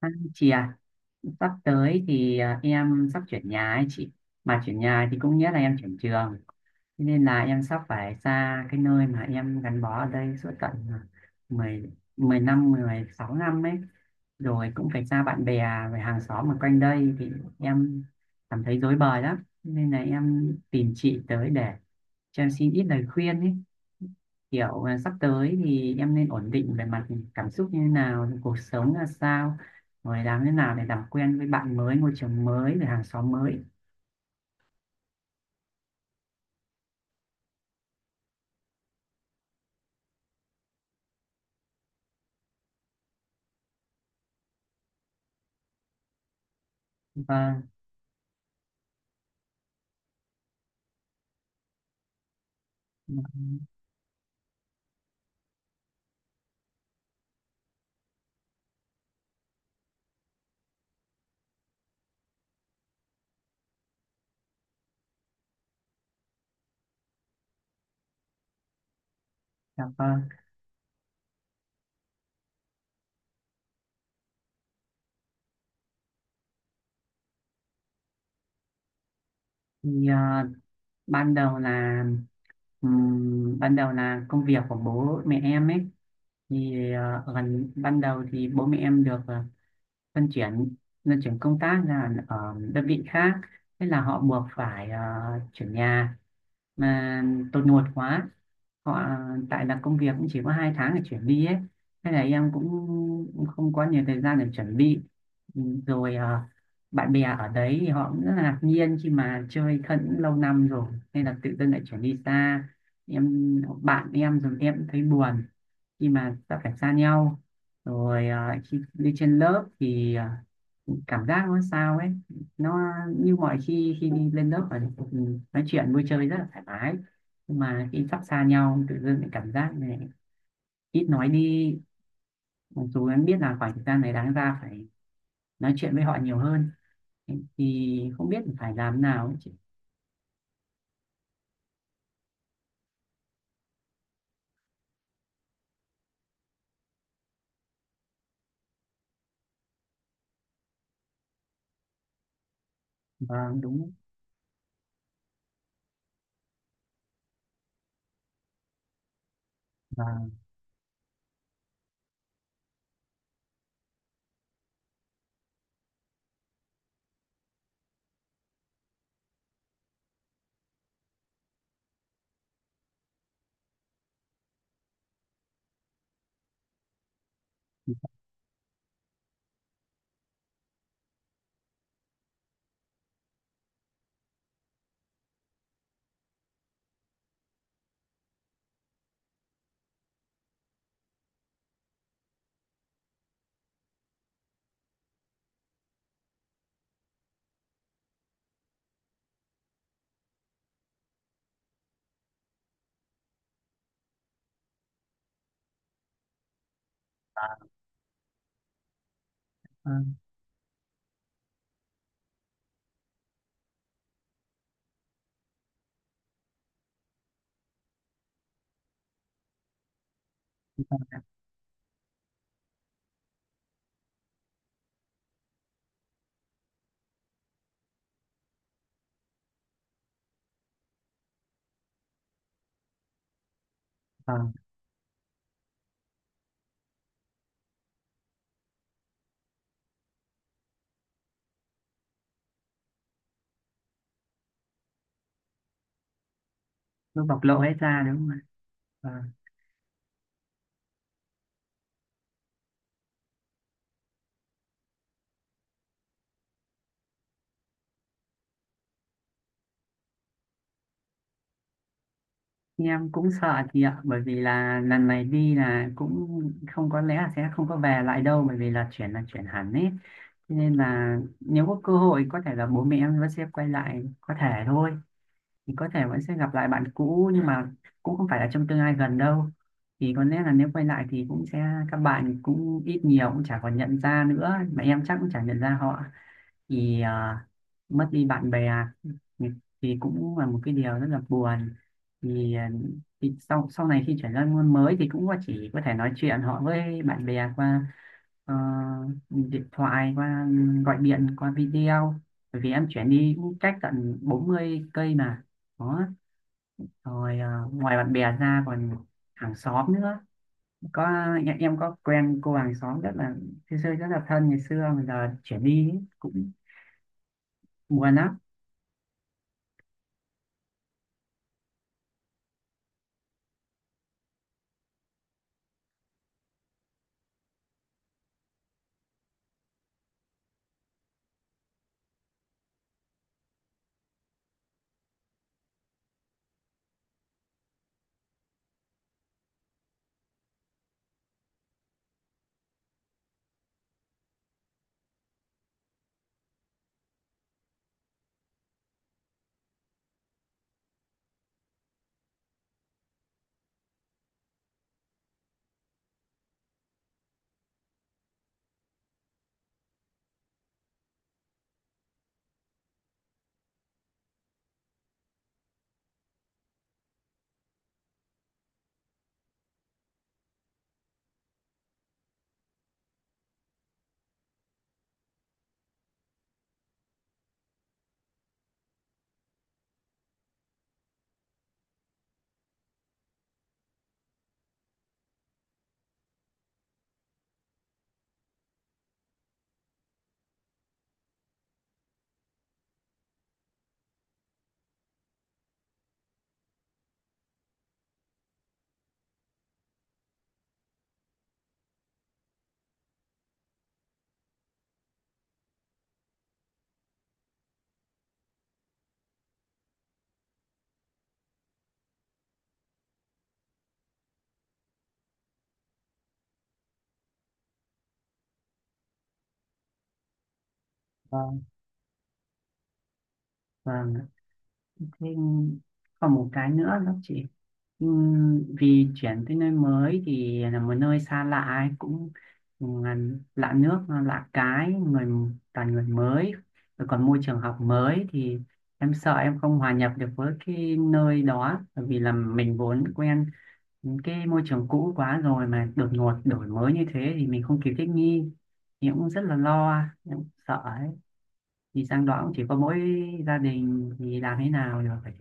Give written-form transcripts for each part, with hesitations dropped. À, chị à, sắp tới thì em sắp chuyển nhà ấy chị. Mà chuyển nhà thì cũng nghĩa là em chuyển trường. Thế nên là em sắp phải xa cái nơi mà em gắn bó ở đây suốt tận mười, 10 năm, 16 năm ấy. Rồi cũng phải xa bạn bè, về hàng xóm ở quanh đây thì em cảm thấy rối bời lắm. Nên là em tìm chị tới để cho em xin ít lời khuyên ấy, kiểu sắp tới thì em nên ổn định về mặt cảm xúc như thế nào, cuộc sống là sao, rồi làm thế nào để làm quen với bạn mới, môi trường mới, rồi hàng xóm mới. Vâng, dạ vâng. Thì ban đầu là, ban đầu là công việc của bố mẹ em ấy. Thì gần ban đầu thì bố mẹ em được luân chuyển luân chuyển công tác là ở đơn vị khác. Thế là họ buộc phải chuyển nhà. Mà tôi nuột quá, họ, tại là công việc cũng chỉ có 2 tháng để chuyển đi ấy. Thế là em cũng không có nhiều thời gian để chuẩn bị. Ừ, rồi bạn bè ở đấy thì họ cũng rất là ngạc nhiên khi mà chơi thân lâu năm rồi, nên là tự dưng lại chuyển đi xa. Em bạn em rồi em cũng thấy buồn khi mà đã phải xa nhau. Rồi khi đi trên lớp thì cảm giác nó sao ấy. Nó như mọi khi khi đi lên lớp và nói chuyện vui chơi rất là thoải mái, nhưng mà khi sắp xa nhau tự dưng lại cảm giác này, ít nói đi, mặc dù em biết là khoảng thời gian này đáng ra phải nói chuyện với họ nhiều hơn. Thì không biết phải làm nào ấy chị. Vâng, đúng. Vâng, vâng, vâng. Nó bộc lộ hết ra đúng không ạ? Vâng, em cũng sợ chị ạ, bởi vì là lần này đi là cũng không, có lẽ là sẽ không có về lại đâu, bởi vì là chuyển hẳn ấy. Cho nên là nếu có cơ hội có thể là bố mẹ em vẫn sẽ quay lại, có thể thôi, thì có thể vẫn sẽ gặp lại bạn cũ, nhưng mà cũng không phải là trong tương lai gần đâu. Thì có lẽ là nếu quay lại thì cũng sẽ, các bạn cũng ít nhiều cũng chả còn nhận ra nữa, mà em chắc cũng chả nhận ra họ. Thì mất đi bạn bè thì thì cũng là một cái điều rất là buồn. Thì thì sau sau này khi chuyển ra môn mới thì cũng chỉ có thể nói chuyện họ với bạn bè qua ờ, điện thoại, qua gọi điện qua video, bởi vì em chuyển đi cũng cách tận 40 cây mà, đó. Rồi ngoài bạn bè ra còn hàng xóm nữa. Có em có quen cô hàng xóm, rất là xưa xưa, rất là thân ngày xưa mà giờ chuyển đi ấy, cũng buồn lắm. Vâng. Vâng, thế còn một cái nữa đó chị. Vì chuyển tới nơi mới thì là một nơi xa lạ ấy, cũng ừ, là lạ nước lạ cái người, toàn người mới, rồi còn môi trường học mới. Thì em sợ em không hòa nhập được với cái nơi đó, bởi vì là mình vốn quen cái môi trường cũ quá rồi, mà đột ngột đổi mới như thế thì mình không kịp thích nghi. Thì em cũng rất là lo, em cũng sợ ấy. Thì sang đó cũng chỉ có mỗi gia đình thì làm thế nào được, phải.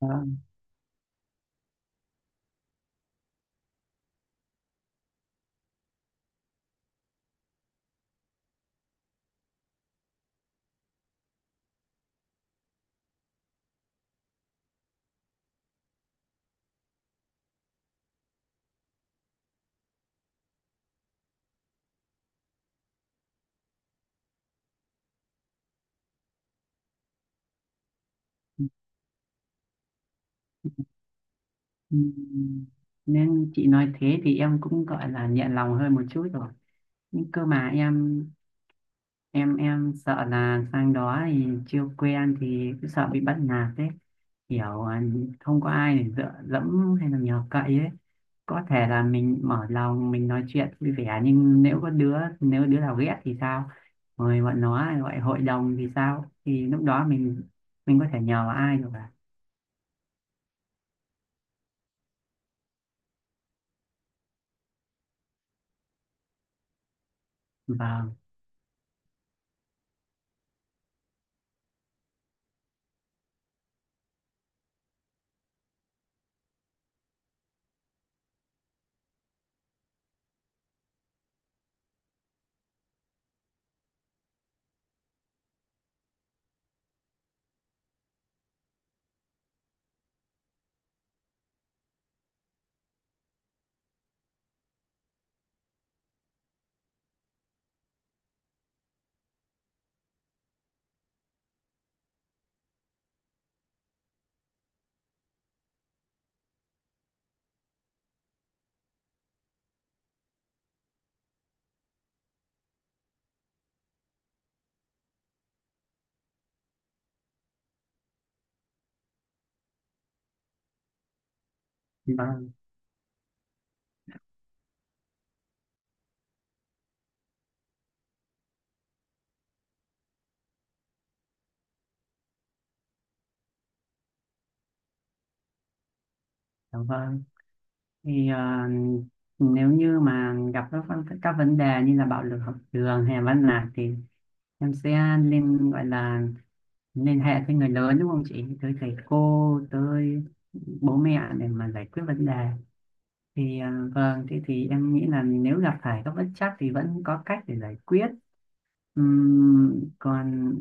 Ờ, ừm, Nên chị nói thế thì em cũng gọi là nhẹ lòng hơn một chút rồi. Nhưng cơ mà em sợ là sang đó thì chưa quen thì cứ sợ bị bắt nạt đấy, kiểu không có ai để dựa dẫm hay là nhờ cậy ấy. Có thể là mình mở lòng, mình nói chuyện vui vẻ, nhưng nếu đứa nào ghét thì sao, rồi bọn nó gọi hội đồng thì sao, thì lúc đó mình có thể nhờ ai được à. Vâng, vâng, dạ vâng. Thì nếu như mà gặp các vấn đề như là bạo lực học đường hay là bắt nạt thì em sẽ nên, gọi là, liên hệ với người lớn đúng không chị, tới thầy cô, tới bố mẹ, để mà giải quyết vấn đề. Thì vâng, thế thì em nghĩ là nếu gặp phải các bất trắc thì vẫn có cách để giải quyết. Còn,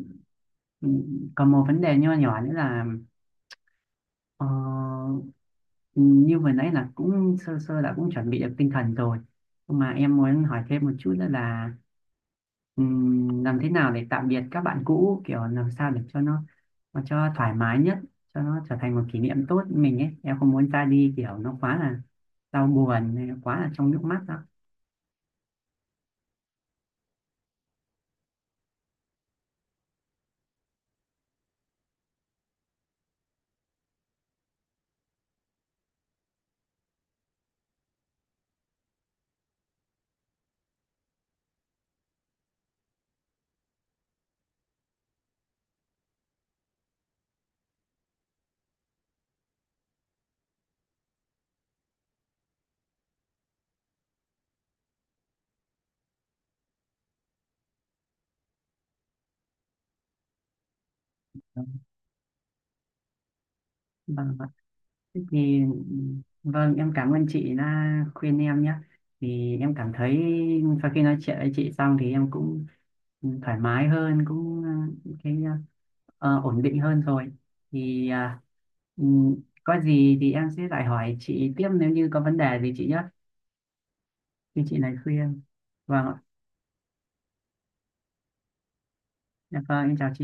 còn một vấn đề nho nhỏ nữa là, ờ, như vừa nãy là cũng sơ sơ đã cũng chuẩn bị được tinh thần rồi, nhưng mà em muốn hỏi thêm một chút nữa là, làm thế nào để tạm biệt các bạn cũ, kiểu làm sao để cho nó cho thoải mái nhất, cho nó trở thành một kỷ niệm tốt với mình ấy, em không muốn ra đi kiểu nó quá là đau buồn hay quá là trong nước mắt đó. Vâng, vâng. Thế thì vâng, em cảm ơn chị đã khuyên em nhé. Thì em cảm thấy sau khi nói chuyện với chị xong thì em cũng thoải mái hơn, cũng cái, ổn định hơn rồi. Thì ừm, có gì thì em sẽ lại hỏi chị tiếp nếu như có vấn đề gì chị nhé. Như chị này khuyên. Vâng ạ. Dạ vâng, em chào chị.